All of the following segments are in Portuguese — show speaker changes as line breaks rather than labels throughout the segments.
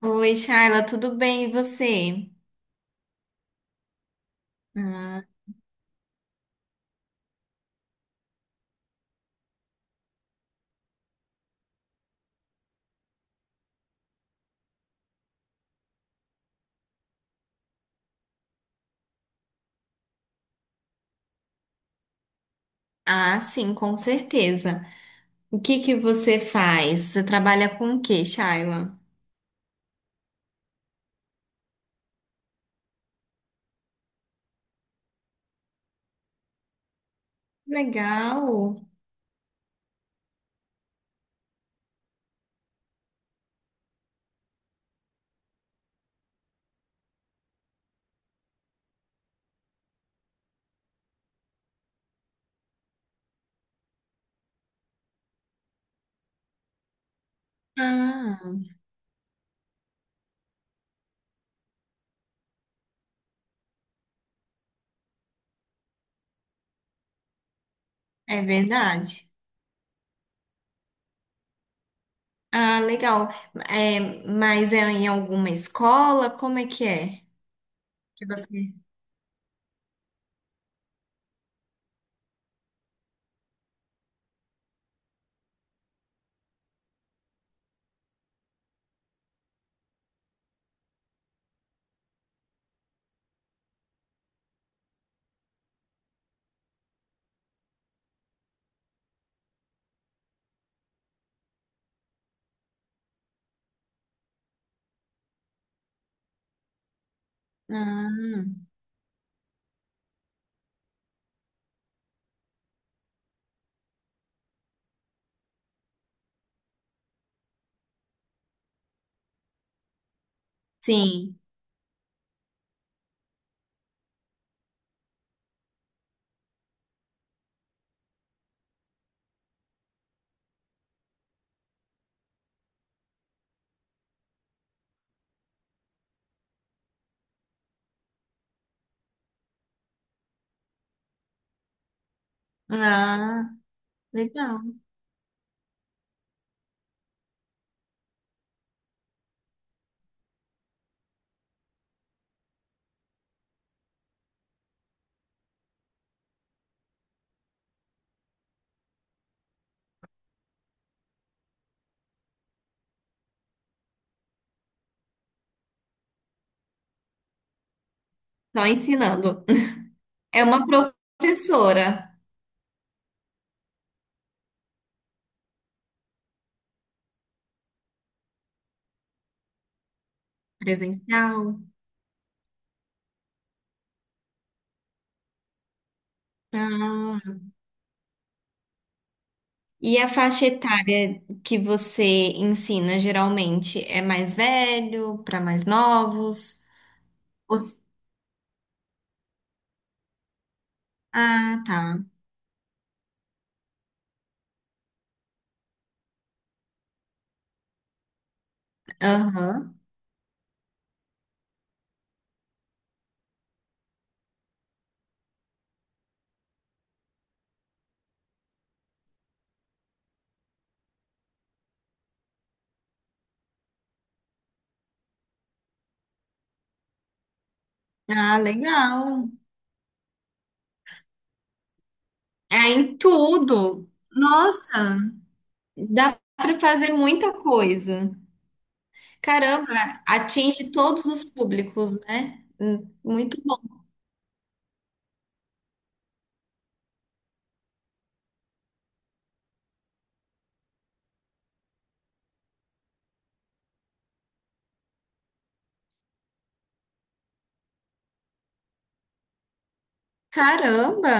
Oi, Shaila, tudo bem? E você? Ah, sim, com certeza. O que que você faz? Você trabalha com o quê, Shaila? Legal. Ah, é verdade. Ah, legal. É, mas é em alguma escola? Como é que é? Que você... Ah, sim. Ah, legal. Só ensinando. É uma professora presencial. Ah, e a faixa etária que você ensina geralmente é mais velho, para mais novos? Os- Ah, tá. Aham. Ah, legal. É em tudo. Nossa, dá para fazer muita coisa. Caramba, atinge todos os públicos, né? Muito bom. Caramba.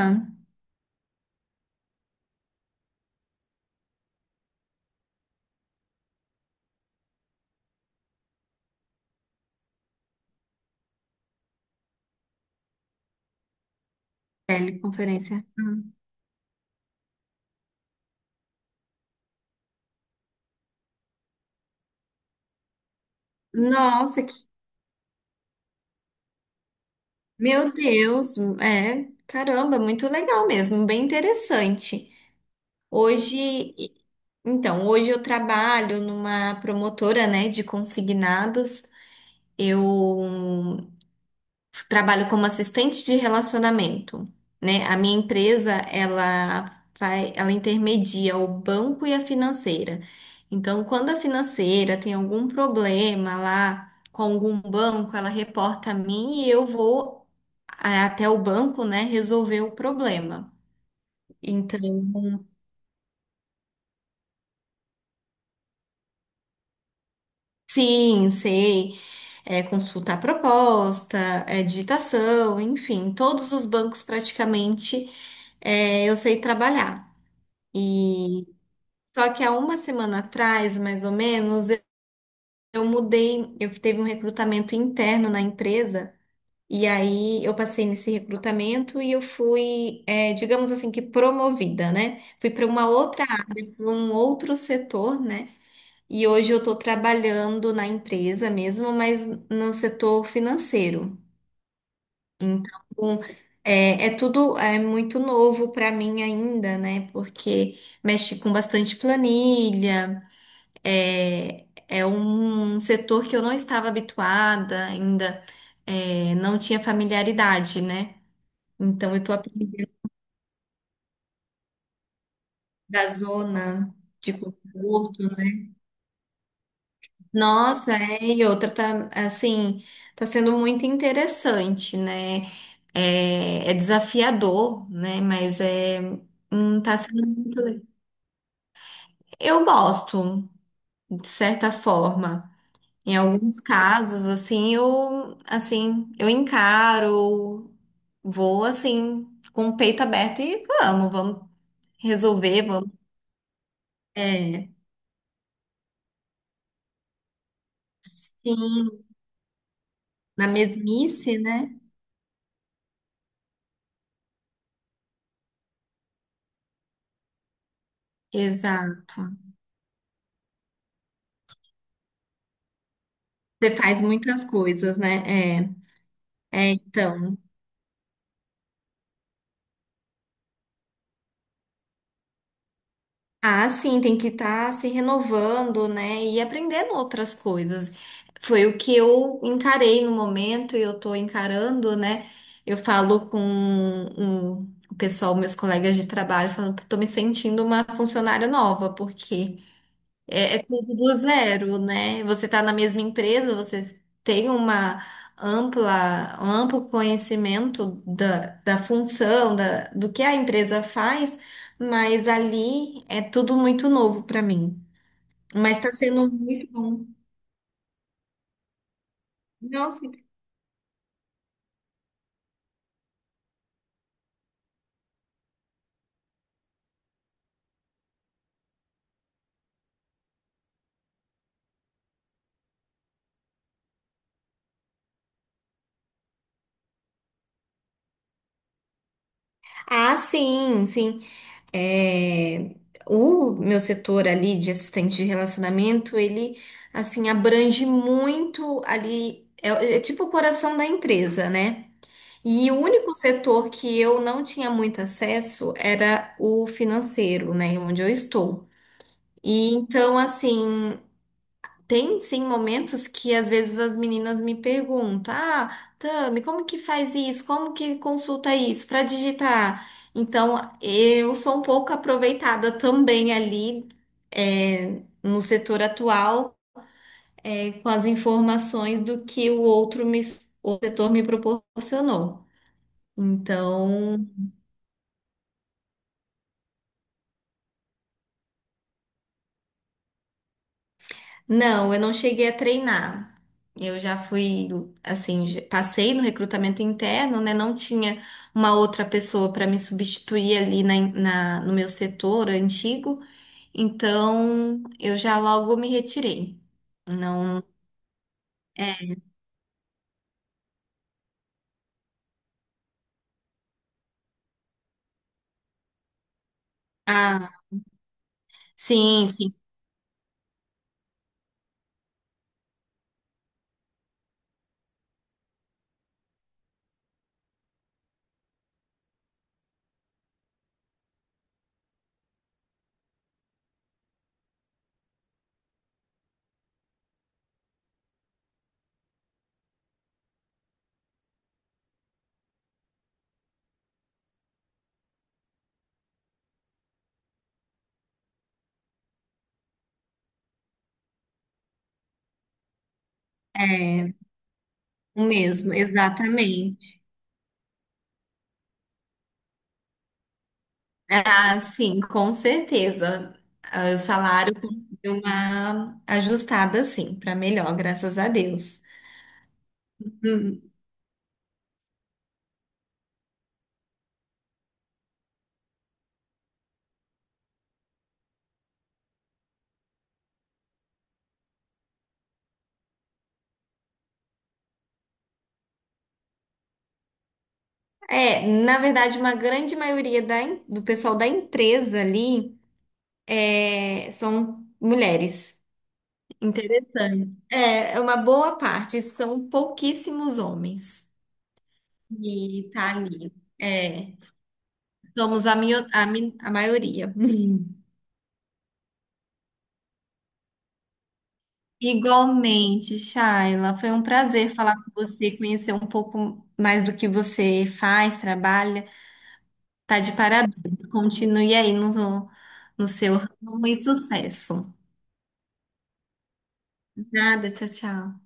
Teleconferência. Hum. Nossa, que... Meu Deus, é, caramba, muito legal mesmo, bem interessante. Hoje, então, hoje eu trabalho numa promotora, né, de consignados. Eu trabalho como assistente de relacionamento, né? A minha empresa, ela vai, ela intermedia o banco e a financeira. Então, quando a financeira tem algum problema lá com algum banco, ela reporta a mim e eu vou até o banco, né, resolver o problema. Então, sim, sei. É, consultar proposta, é, digitação, enfim, todos os bancos praticamente é, eu sei trabalhar. E só que há uma semana atrás, mais ou menos, eu mudei, eu teve um recrutamento interno na empresa, e aí eu passei nesse recrutamento e eu fui, é, digamos assim, que promovida, né? Fui para uma outra, área, para um outro setor, né? E hoje eu estou trabalhando na empresa mesmo, mas no setor financeiro. Então, é, é tudo é muito novo para mim ainda, né? Porque mexe com bastante planilha, é, é um setor que eu não estava habituada ainda, é, não tinha familiaridade, né? Então, eu estou aprendendo da zona de conforto. Nossa, é, e outra tá, assim, tá sendo muito interessante, né? É, é desafiador, né? Tá sendo Eu gosto, de certa forma. Em alguns casos, assim, assim, eu encaro, vou, assim, com o peito aberto e vamos, vamos resolver, vamos... É, sim, na mesmice, né? Exato. Você faz muitas coisas, né? É. É, então. Ah, sim, tem que estar se renovando, né? E aprendendo outras coisas. Foi o que eu encarei no momento e eu tô encarando, né? Eu falo com um- O pessoal, meus colegas de trabalho, falando que tô me sentindo uma funcionária nova, porque é, é tudo do zero, né? Você está na mesma empresa, você tem uma ampla, um amplo conhecimento da, da função, da, do que a empresa faz, mas ali é tudo muito novo para mim. Mas está sendo muito bom. Nossa. Ah, sim, sim. É, o meu setor ali de assistente de relacionamento, ele, assim, abrange muito ali, é tipo o coração da empresa, né? E o único setor que eu não tinha muito acesso era o financeiro, né, onde eu estou. E então, assim, tem sim momentos que às vezes as meninas me perguntam: Ah, Tami, como que faz isso? Como que consulta isso para digitar? Então, eu sou um pouco aproveitada também ali, é, no setor atual, é, com as informações do que o outro me, o setor me proporcionou. Então. Não, eu não cheguei a treinar. Eu já fui, assim, passei no recrutamento interno, né? Não tinha uma outra pessoa para me substituir ali no meu setor antigo, então eu já logo me retirei. Não. É. Ah, sim, sim. É, o mesmo, exatamente. Ah, sim, com certeza. Ah, o salário deu uma ajustada, sim, para melhor, graças a Deus. É, na verdade, uma grande maioria do pessoal da empresa ali é, são mulheres. Interessante. É, é uma boa parte, são pouquíssimos homens. E tá ali. É, somos a, mio- a, mi- a maioria. Igualmente, Shaila, foi um prazer falar com você, conhecer um pouco mais do que você faz, trabalha. Tá de parabéns. Continue aí no, no seu ramo e sucesso. Nada, tchau, tchau.